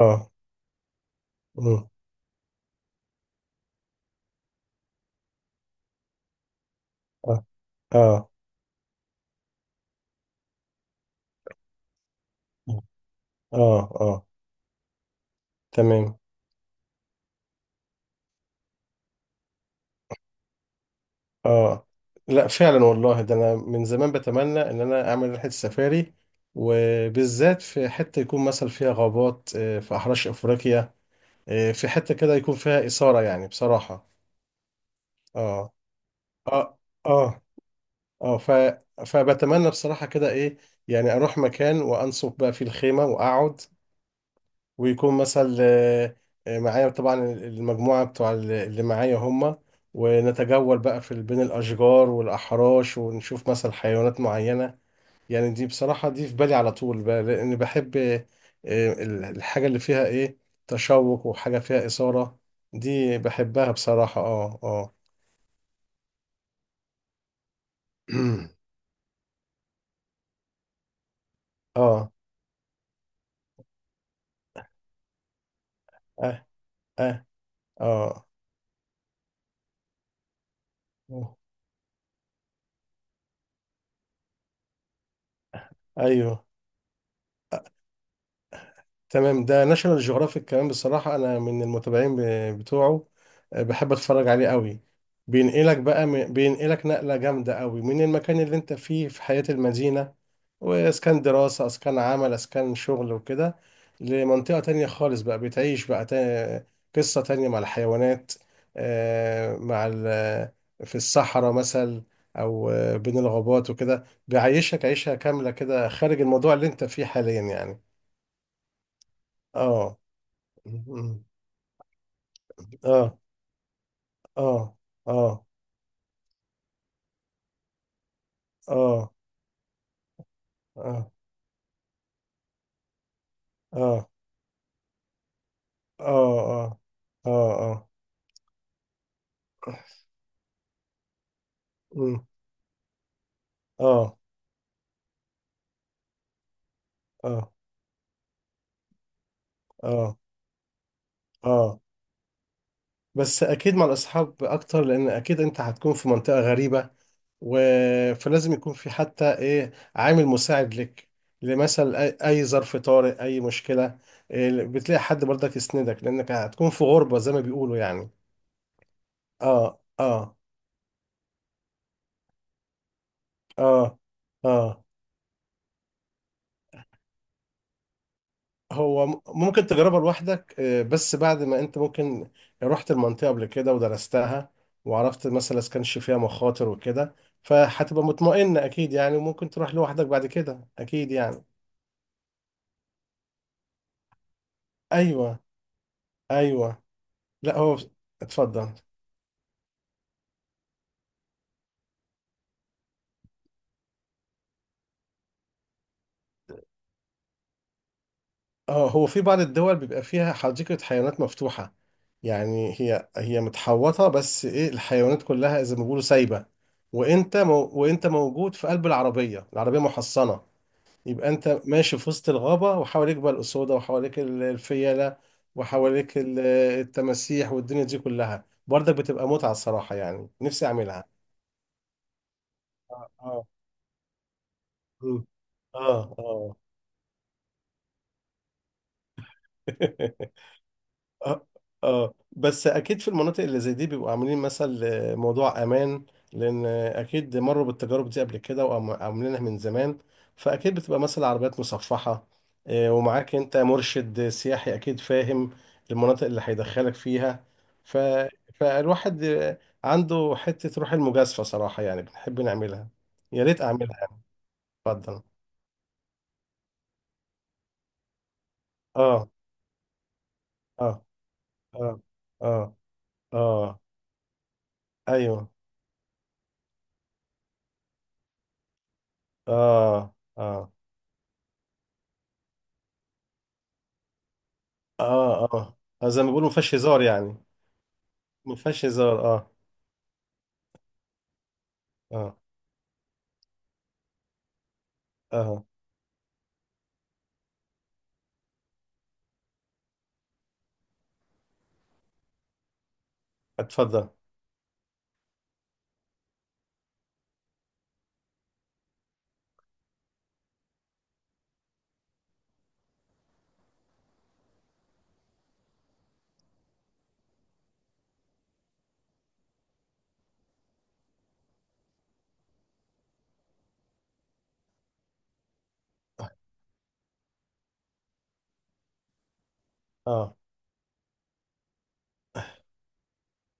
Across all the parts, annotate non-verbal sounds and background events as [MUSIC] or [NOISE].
اه. مم. اه، اه، اه، اه. تمام. اه. لا فعلا، والله، ده انا من زمان بتمنى ان انا اعمل رحله سفاري، وبالذات في حته يكون مثلا فيها غابات، في احراش افريقيا، في حته كده يكون فيها اثاره يعني بصراحه. اه، اه، اه، اه. فبتمنى بصراحه كده ايه؟ يعني اروح مكان وانصب بقى فيه الخيمه واقعد، ويكون مثلا معايا طبعا المجموعة بتوع اللي معايا هم، ونتجول بقى في بين الأشجار والأحراش، ونشوف مثلا حيوانات معينة. يعني دي بصراحة دي في بالي على طول بقى لأن بحب، الحاجة اللي فيها إيه؟ تشوق وحاجة فيها إثارة، دي بحبها بصراحة. اه، اه. [CLEARS THROAT] اه، اه، اه، اه. أيوه. تمام. ده ناشونال جيوغرافيك كمان، بصراحة أنا من المتابعين بتوعه، بحب أتفرج عليه قوي. بينقلك بقى بينقلك نقلة جامدة قوي من المكان اللي أنت فيه في حياة المدينة، وإسكان دراسة إسكان عمل إسكان شغل وكده، لمنطقة تانية خالص بقى، بتعيش بقى قصة تانية مع الحيوانات، آه، مع ال- في الصحراء مثلا، أو بين الغابات وكده، بيعيشك عيشة كاملة كده خارج الموضوع اللي أنت فيه حاليا يعني. اه. مم. اه، اه، اه، اه، اه، اه، اه، اه، اه. مم. اه، اه، اه، اه. بس اكيد مع الاصحاب اكتر، لان اكيد انت هتكون في منطقة غريبة و... فلازم يكون في حتى ايه، عامل مساعد لك، لمثلا اي أي ظرف طارئ، اي مشكلة، إيه، بتلاقي حد برضك يسندك، لانك هتكون في غربة زي ما بيقولوا يعني. اه، اه، اه، اه. هو ممكن تجربها لوحدك، بس بعد ما انت ممكن رحت المنطقة قبل كده ودرستها، وعرفت مثلا اذا كانش فيها مخاطر وكده، فهتبقى مطمئن اكيد يعني، وممكن تروح لوحدك بعد كده اكيد يعني. ايوه، ايوه. لا هو. اتفضل. اه، هو في بعض الدول بيبقى فيها حديقة حيوانات مفتوحة، يعني هي هي متحوطة بس ايه، الحيوانات كلها زي ما بيقولوا سايبة، وانت موجود في قلب العربية، العربية محصنة، يبقى انت ماشي في وسط الغابة وحواليك بقى الأسودة، وحواليك الفيلة، وحواليك التماسيح، والدنيا دي كلها برضك بتبقى متعة الصراحة يعني، نفسي أعملها. اه. آه. مم. اه، اه. [LAUGHS] اه، اه. بس اكيد في المناطق اللي زي دي بيبقوا عاملين مثل موضوع امان، لان اكيد مروا بالتجارب دي قبل كده وعاملينها من زمان، فاكيد بتبقى مثلا عربيات مصفحة، ومعاك انت مرشد سياحي اكيد فاهم المناطق اللي هيدخلك فيها. ف... فالواحد عنده حتة روح المجازفة صراحة يعني، بنحب نعملها، يا ريت اعملها يعني. اتفضل. اه، اه، اه، اه، اه. ايوه. اه، اه، اه، اه. زي ما بيقولوا ما فيهاش هزار يعني. ما فيهاش هزار. اه، اه، اه. اتفضل. اه.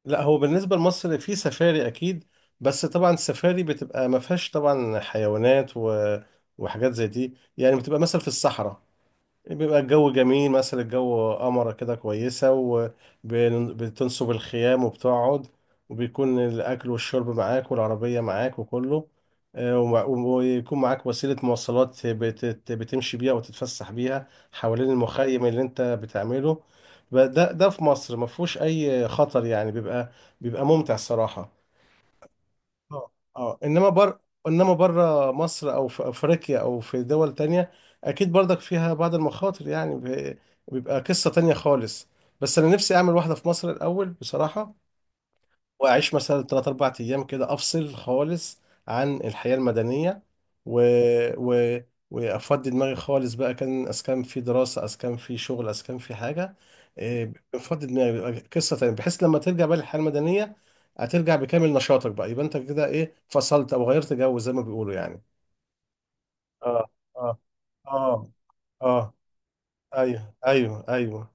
لا هو بالنسبه لمصر في سفاري اكيد، بس طبعا السفاري بتبقى ما فيهاش طبعا حيوانات و... وحاجات زي دي يعني، بتبقى مثلا في الصحراء، بيبقى الجو جميل مثلا، الجو قمرة كده كويسة، وبتنصب الخيام وبتقعد، وبيكون الأكل والشرب معاك، والعربية معاك وكله، ويكون معاك وسيلة مواصلات بتمشي بيها وتتفسح بيها حوالين المخيم اللي انت بتعمله. ده ده في مصر ما فيهوش أي خطر يعني، بيبقى ممتع الصراحة. اه، اه. انما بره مصر او في افريقيا او في دول تانية اكيد برضك فيها بعض المخاطر يعني، بيبقى قصة تانية خالص. بس انا نفسي اعمل واحدة في مصر الاول بصراحة، واعيش مثلا 3 4 ايام كده، افصل خالص عن الحياة المدنية و... و... وافضي دماغي خالص بقى، كان اسكان في دراسة اسكان في شغل اسكان في حاجة، إيه، بفضي دماغي، بيبقى قصة تانية، بحيث لما ترجع بقى للحياة المدنية هترجع بكامل نشاطك بقى، يبقى انت كده ايه فصلت، او غيرت جو زي ما بيقولوا يعني. اه، اه، اه، اه. ايوه، ايوه، ايوه.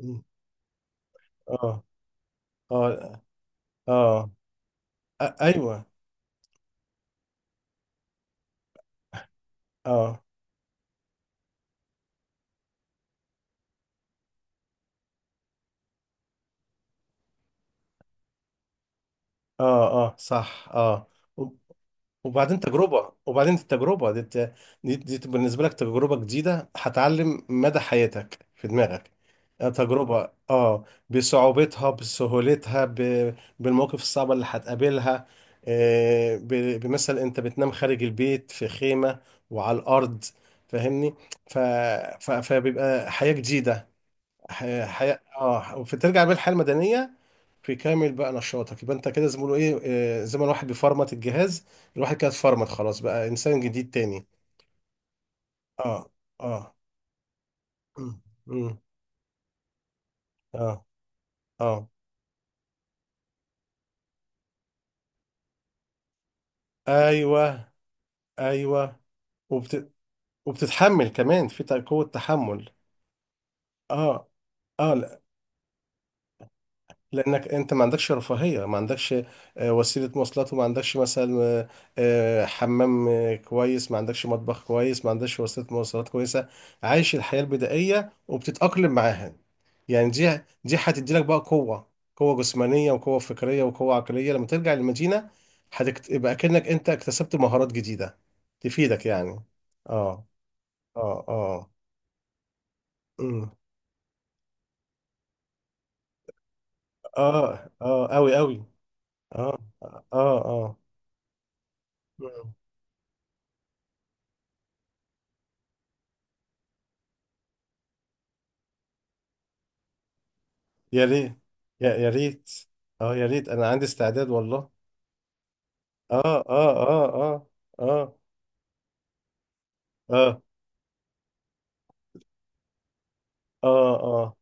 مم. اه، اه، اه. ايوه. اه، اه، اه. صح. اه. وبعدين تجربة، وبعدين التجربة دي تبقى بالنسبة لك تجربة جديدة هتعلم مدى حياتك في دماغك. تجربة اه، بصعوبتها بسهولتها ب... بالمواقف الصعبة اللي هتقابلها، آه، ب... بمثل انت بتنام خارج البيت في خيمة وعلى الأرض، فاهمني. ف... ف... فبيبقى حياة جديدة، حياة اه، فترجع بالحياة المدنية في كامل بقى نشاطك، يبقى انت كده زميله ايه، زي ما الواحد بيفرمت الجهاز، الواحد كده اتفرمت خلاص، بقى انسان جديد تاني. اه، اه. مم، مم، اه، اه. ايوه، ايوه. وبت... وبتتحمل كمان في قوة تحمل. اه، اه. لانك انت ما عندكش رفاهيه، ما عندكش وسيله مواصلات، وما عندكش مثلا حمام كويس، ما عندكش مطبخ كويس، ما عندكش وسيله مواصلات كويسه، عايش الحياه البدائيه وبتتاقلم معاها يعني. دي هتدي لك بقى قوه، قوه جسمانيه وقوه فكريه وقوه عقليه لما ترجع للمدينه، يبقى كأنك انت اكتسبت مهارات جديده تفيدك يعني. اه، اه، اه. أمم. اه، اه. اوي، اوي. اه، اه، اه. آه. يا ريت. يا ريت. اه، يا ريت، انا عندي استعداد والله. اه، اه، اه، اه، اه، اه، اه، اه.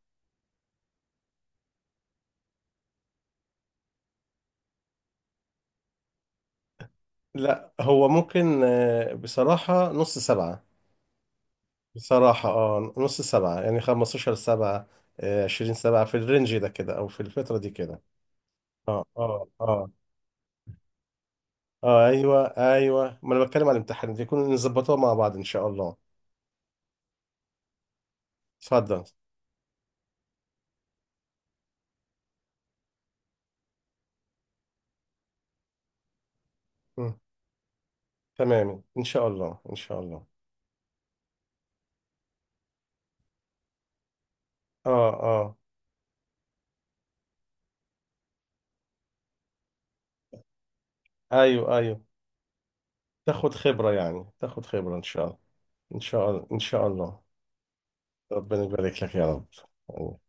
لا هو ممكن، بصراحة نص سبعة، بصراحة اه، نص سبعة يعني 15 سبعة، 20 سبعة في الرينج ده كده، او في الفترة دي كده. اه، اه، اه، اه. ايوه، ايوه. ما انا بتكلم على الامتحان دي يكون نظبطها مع بعض ان شاء الله. اتفضل. مم. تمام. ان شاء الله، ان شاء الله. اه، اه. ايوه، ايوه. تاخد خبرة يعني، تاخد خبرة إن شاء الله. إن شاء الله، إن شاء الله. ربنا يبارك لك يا رب.